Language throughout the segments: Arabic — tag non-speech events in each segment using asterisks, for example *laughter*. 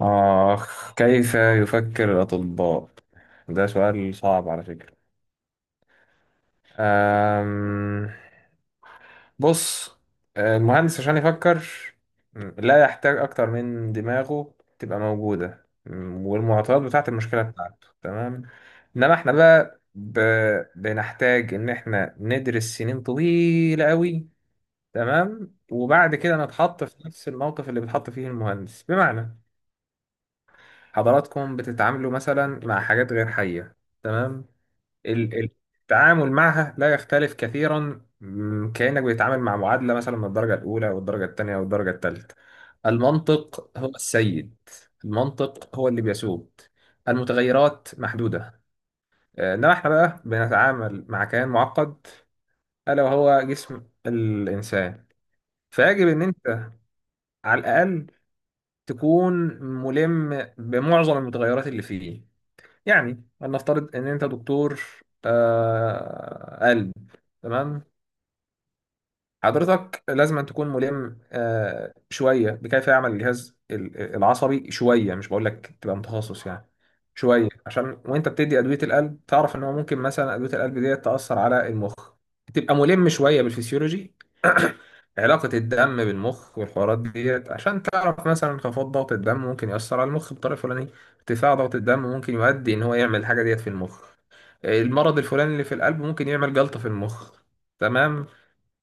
آخ، كيف يفكر الأطباء؟ ده سؤال صعب على فكرة. أم... بص، المهندس عشان يفكر لا يحتاج أكتر من دماغه تبقى موجودة والمعطيات بتاعة المشكلة بتاعته، تمام. إنما إحنا بقى بنحتاج إن إحنا ندرس سنين طويلة أوي، تمام. وبعد كده نتحط في نفس الموقف اللي بيتحط فيه المهندس، بمعنى حضراتكم بتتعاملوا مثلا مع حاجات غير حية، تمام. ال- ال- التعامل معها لا يختلف كثيرا، كأنك بتتعامل مع معادلة مثلا من الدرجة الأولى والدرجة الثانية والدرجة الثالثة. المنطق هو السيد، المنطق هو اللي بيسود، المتغيرات محدودة. إنما إحنا بقى بنتعامل مع كيان معقد، ألا وهو جسم الإنسان. فيجب إن أنت على الأقل تكون ملم بمعظم المتغيرات اللي فيه. يعني لنفترض ان انت دكتور قلب، تمام. حضرتك لازم أن تكون ملم شوية بكيف يعمل الجهاز العصبي، شوية، مش بقول لك تبقى متخصص يعني. شوية عشان وانت بتدي أدوية القلب تعرف ان هو ممكن مثلا أدوية القلب دي تأثر على المخ، تبقى ملم شوية بالفسيولوجي. *clears throat* علاقة الدم بالمخ والحوارات ديت عشان تعرف مثلا انخفاض ضغط الدم ممكن يأثر على المخ بطريقة فلانية، ارتفاع ضغط الدم ممكن يؤدي ان هو يعمل الحاجة ديت في المخ، المرض الفلاني اللي في القلب ممكن يعمل جلطة في المخ، تمام.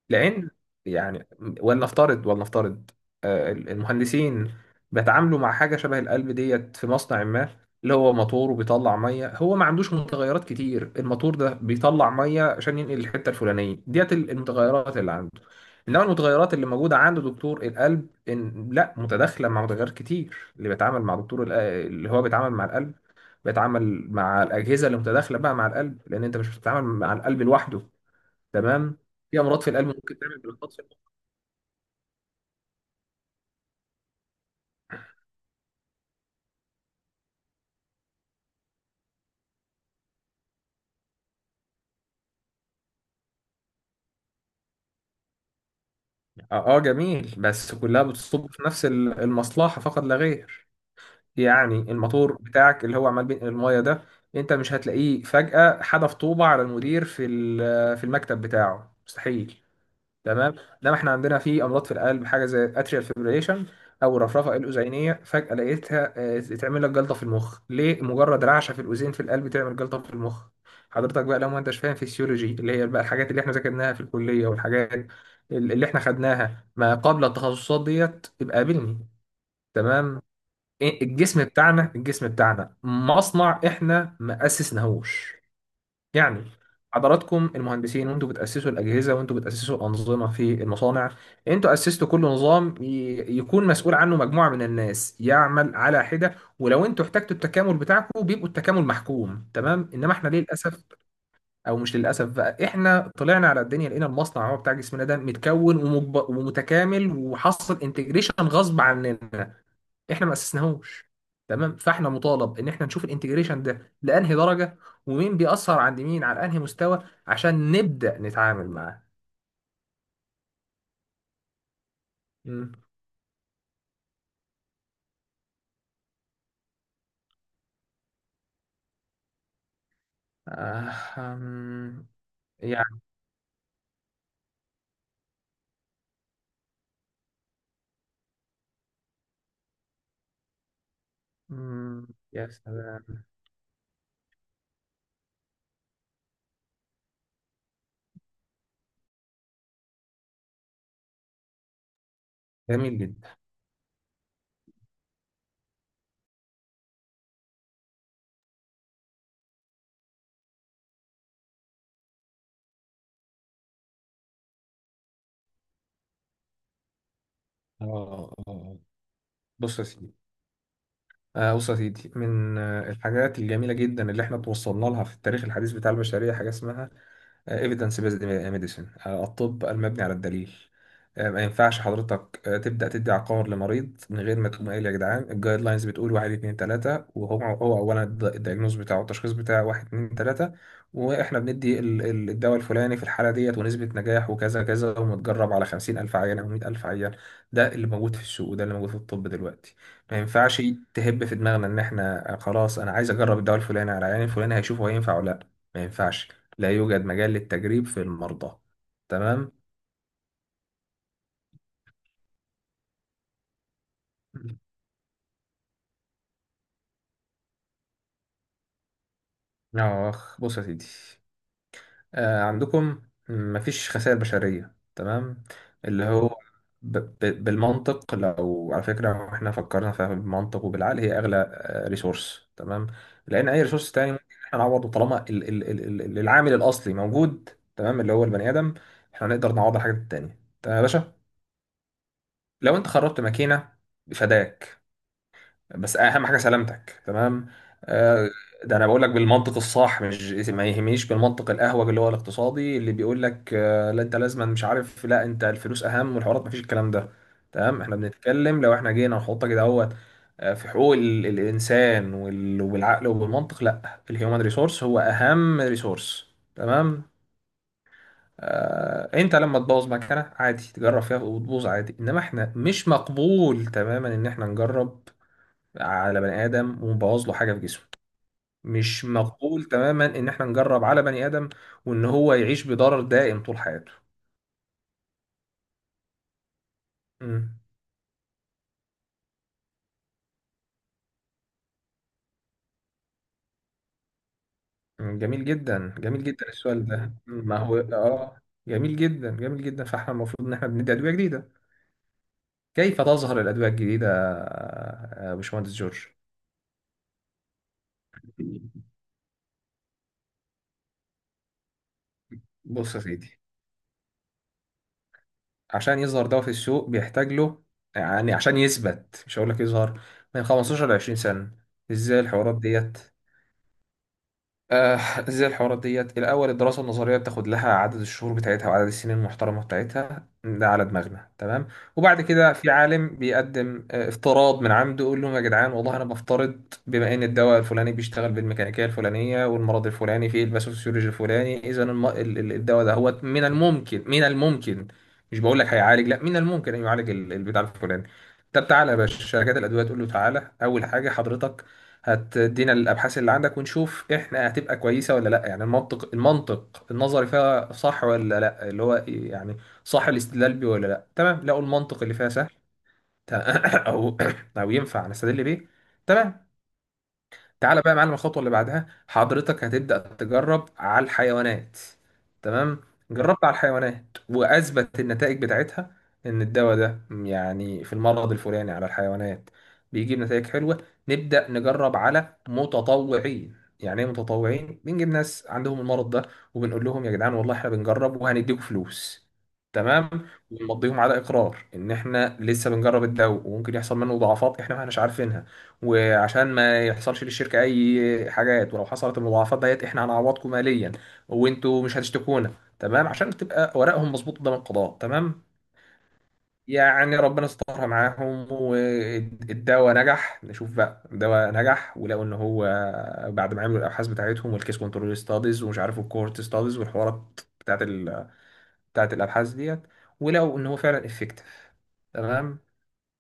لان، يعني، ولنفترض، المهندسين بيتعاملوا مع حاجه شبه القلب ديت في مصنع ما، اللي هو موتور وبيطلع ميه، هو ما عندوش متغيرات كتير. الموتور ده بيطلع ميه عشان ينقل الحته الفلانيه ديت، المتغيرات اللي عنده. انما المتغيرات اللي موجوده عند دكتور القلب إن لا متداخله مع متغيرات كتير. اللي بيتعامل مع دكتور اللي هو بيتعامل مع القلب، بيتعامل مع الاجهزه اللي متداخله بقى مع القلب، لان انت مش بتتعامل مع القلب لوحده، تمام. في امراض في القلب ممكن تعمل بلوكات في القلب. جميل، بس كلها بتصب في نفس المصلحه فقط لا غير. يعني الموتور بتاعك اللي هو عمال بينقل المايه ده، انت مش هتلاقيه فجأة حدف طوبة على المدير في في المكتب بتاعه، مستحيل، تمام. انما احنا عندنا في امراض في القلب حاجه زي اتريال فيبريليشن او الرفرفه الاذينيه، فجاه لقيتها تعمل لك جلطه في المخ. ليه مجرد رعشه في الاذين في القلب تعمل جلطه في المخ؟ حضرتك بقى لو ما انتش فاهم فيسيولوجي اللي هي بقى الحاجات اللي احنا ذاكرناها في الكليه والحاجات اللي احنا خدناها ما قبل التخصصات ديت، يبقى قابلني، تمام. الجسم بتاعنا مصنع، احنا ما اسسناهوش، يعني حضراتكم المهندسين وانتوا بتأسسوا الأجهزة وانتوا بتأسسوا الأنظمة في المصانع. انتوا أسستوا كل نظام يكون مسؤول عنه مجموعة من الناس يعمل على حدة، ولو انتوا احتجتوا التكامل بتاعكم بيبقوا التكامل محكوم، تمام. انما احنا، ليه للأسف، او مش للأسف بقى، احنا طلعنا على الدنيا لقينا المصنع هو بتاع جسمنا ده متكون ومتكامل، وحصل انتجريشن غصب عننا. احنا ما اسسناهوش، تمام. فاحنا مطالب ان احنا نشوف الانتجريشن ده لانهي درجه، ومين بيأثر عند مين على انهي مستوى عشان نبدأ نتعامل معاه. مم. آه، أم، يعني. مم، يا سلام. جميل جدا. آه آه آه. بص يا سيدي. بص يا سيدي، من الحاجات الجميلة جدا اللي احنا توصلنا لها في التاريخ الحديث بتاع البشرية حاجة اسمها ايفيدنس بيزد ميديسن، الطب المبني على الدليل. ما ينفعش حضرتك تبدا تدي عقار لمريض من غير ما تقوم قايل يا جدعان الجايد لاينز بتقول واحد اتنين تلاته، وهو اولا الدايجنوز بتاعه التشخيص بتاعه واحد اتنين تلاته، واحنا بندي الدواء الفلاني في الحاله ديت ونسبه نجاح وكذا كذا، ومتجرب على 50,000 عيان او 100,000 عيان. ده اللي موجود في السوق وده اللي موجود في الطب دلوقتي. ما ينفعش تهب في دماغنا ان احنا خلاص انا عايز اجرب الدواء الفلاني على العيان الفلاني هيشوفه هينفع ولا لا. ما ينفعش، لا يوجد مجال للتجريب في المرضى، تمام. اخ، بص يا سيدي، عندكم مفيش خسائر بشرية، تمام. اللي هو ب ب بالمنطق، لو، على فكرة، لو احنا فكرنا فيها بالمنطق وبالعقل، هي اغلى ريسورس، تمام. لان اي ريسورس تاني ممكن احنا نعوضه طالما ال العامل الاصلي موجود، تمام، اللي هو البني ادم. احنا نقدر نعوض الحاجات التانية، تمام يا باشا. لو انت خربت ماكينة فداك، بس اهم حاجه سلامتك، تمام. آه، ده انا بقول لك بالمنطق الصح، مش ما يهمنيش بالمنطق الاهوج اللي هو الاقتصادي اللي بيقول لك لا انت لازما مش عارف، لا انت الفلوس اهم والحوارات، ما فيش الكلام ده، تمام. احنا بنتكلم لو احنا جينا نحط كده اهوت، في حقوق الانسان وبالعقل وبالمنطق، لا، الهيومن ريسورس هو اهم ريسورس، تمام. انت لما تبوظ مكانه عادي تجرب فيها وتبوظ عادي، انما احنا مش مقبول تماما ان احنا نجرب على بني ادم ومبوظ له حاجه في جسمه. مش مقبول تماما ان احنا نجرب على بني ادم وان هو يعيش بضرر دائم طول حياته. مم. مم. جميل جدا، جميل جدا السؤال ده. مم. ما هو جميل جدا، جميل جدا. فاحنا المفروض ان احنا بندي ادويه جديده. كيف تظهر الادويه الجديده؟ يا باشمهندس جورج، بص يا سيدي، عشان يظهر دواء في السوق بيحتاج له، يعني عشان يثبت مش هقول لك يظهر، من 15 ل 20 سنة. ازاي الحوارات ديت آه زي الحوارات ديت، الأول الدراسة النظرية بتاخد لها عدد الشهور بتاعتها وعدد السنين المحترمة بتاعتها، ده على دماغنا، تمام. وبعد كده في عالم بيقدم افتراض من عنده، يقول لهم يا جدعان والله أنا بفترض بما إن الدواء الفلاني بيشتغل بالميكانيكية الفلانية والمرض الفلاني في الباثوفيسيولوجي الفلاني، إذا الدواء ده هو من الممكن، مش بقول لك هيعالج، لا، من الممكن أن يعالج البتاع الفلاني. طب تعالى يا باشا شركات الأدوية تقول له تعالى، أول حاجة حضرتك هتدينا الابحاث اللي عندك ونشوف احنا هتبقى كويسه ولا لا، يعني المنطق، المنطق النظري فيها صح ولا لا، اللي هو إيه يعني، صح الاستدلال بيه ولا لا، تمام. لقوا المنطق اللي فيها سهل، تمام. *coughs* او *coughs* او ينفع نستدل بيه، تمام. تعالى بقى يا معلم، الخطوه اللي بعدها حضرتك هتبدا تجرب على الحيوانات، تمام. جربت على الحيوانات واثبت النتائج بتاعتها ان الدواء ده، يعني، في المرض الفلاني على الحيوانات بيجيب نتائج حلوه. نبدا نجرب على متطوعين. يعني ايه متطوعين؟ بنجيب ناس عندهم المرض ده وبنقول لهم يا جدعان والله احنا بنجرب وهنديكم فلوس، تمام. ونمضيهم على اقرار ان احنا لسه بنجرب الدواء وممكن يحصل منه ضعفات احنا ما احناش عارفينها، وعشان ما يحصلش للشركة أي حاجات، ولو حصلت المضاعفات ديت إحنا هنعوضكم ماليا وأنتوا مش هتشتكونا، تمام، عشان تبقى ورقهم مظبوط قدام القضاء، تمام. يعني ربنا استرها معاهم والدواء نجح. نشوف بقى الدواء نجح، ولقوا إن هو، بعد ما عملوا الأبحاث بتاعتهم والكيس كنترول ستاديز ومش عارف الكورت ستاديز والحوارات بتاعت الأبحاث ديت، ولقوا إن هو فعلا افكتيف، تمام.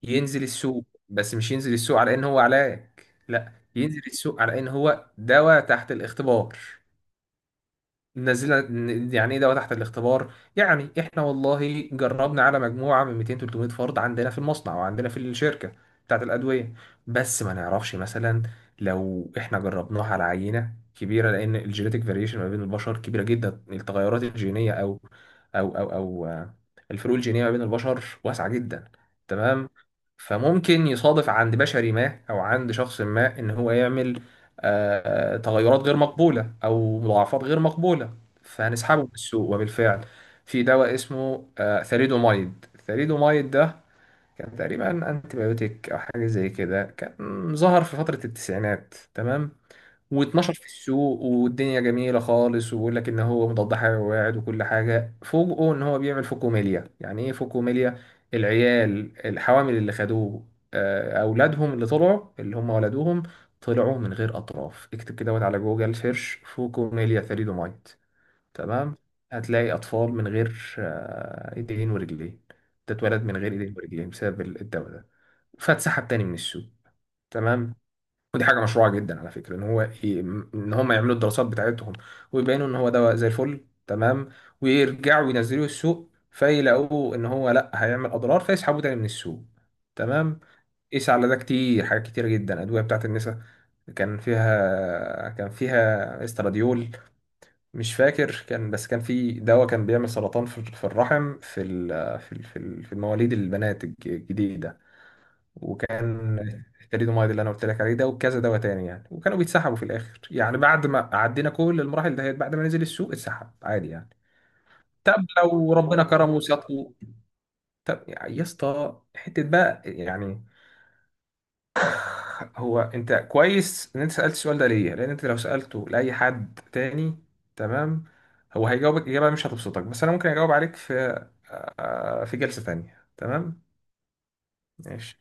ينزل السوق، بس مش ينزل السوق على ان هو علاج، لا، ينزل السوق على ان هو دواء تحت الاختبار. يعني ايه دواء تحت الاختبار؟ يعني احنا والله جربنا على مجموعه من 200 300 فرد عندنا في المصنع وعندنا في الشركه بتاعت الادويه، بس ما نعرفش مثلا لو احنا جربناها على عينه كبيره، لان الجينيتك فاريشن ما بين البشر كبيره جدا، التغيرات الجينيه، او او او او آه، الفروق الجينيه ما بين البشر واسعه جدا، تمام. فممكن يصادف عند بشري ما او عند شخص ما ان هو يعمل تغيرات غير مقبولة أو مضاعفات غير مقبولة، فهنسحبه من السوق. وبالفعل في دواء اسمه ثalidomide، الثalidomide ده كان تقريبا انتي بايوتيك أو حاجة زي كده، كان ظهر في فترة التسعينات، تمام. و12 في السوق والدنيا جميلة خالص ويقول لك إن هو مضاد حيوي وكل حاجة، فوجئوا إن هو بيعمل فوكوميليا. يعني إيه فوكوميليا؟ العيال الحوامل اللي خدوه أولادهم اللي طلعوا اللي هم ولدوهم طلعوا من غير أطراف. اكتب كده، وات على جوجل سيرش، فوكوميليا ثريدومايت، تمام. هتلاقي أطفال من غير إيدين ورجلين، تتولد من غير إيدين ورجلين بسبب الدواء ده، فاتسحب تاني من السوق. تمام ودي حاجه مشروعه جدا على فكره ان هو ان هم يعملوا الدراسات بتاعتهم ويبينوا ان هو دواء زي الفل، تمام، ويرجعوا ينزلوه السوق فيلاقوه ان هو لا، هيعمل اضرار، فيسحبوه تاني من السوق، تمام. قيس على ده كتير، حاجات كتيره جدا ادويه بتاعت النساء، كان فيها استراديول مش فاكر، كان، بس كان في دواء كان بيعمل سرطان في الرحم، في في المواليد البنات الجديده. وكان الثاليدومايد اللي انا قلت لك عليه ده، وكذا دواء تاني يعني، وكانوا بيتسحبوا في الاخر يعني، بعد ما عدينا كل المراحل دهيت، بعد ما نزل السوق اتسحب عادي يعني. طب لو ربنا كرمه وسطه، طب يا اسطى حته بقى يعني، هو انت كويس ان انت سالت السؤال ده، ليه؟ لان انت لو سالته لاي حد تاني، تمام، هو هيجاوبك اجابه مش هتبسطك، بس انا ممكن اجاوب عليك في في جلسه تانيه، تمام. ماشي.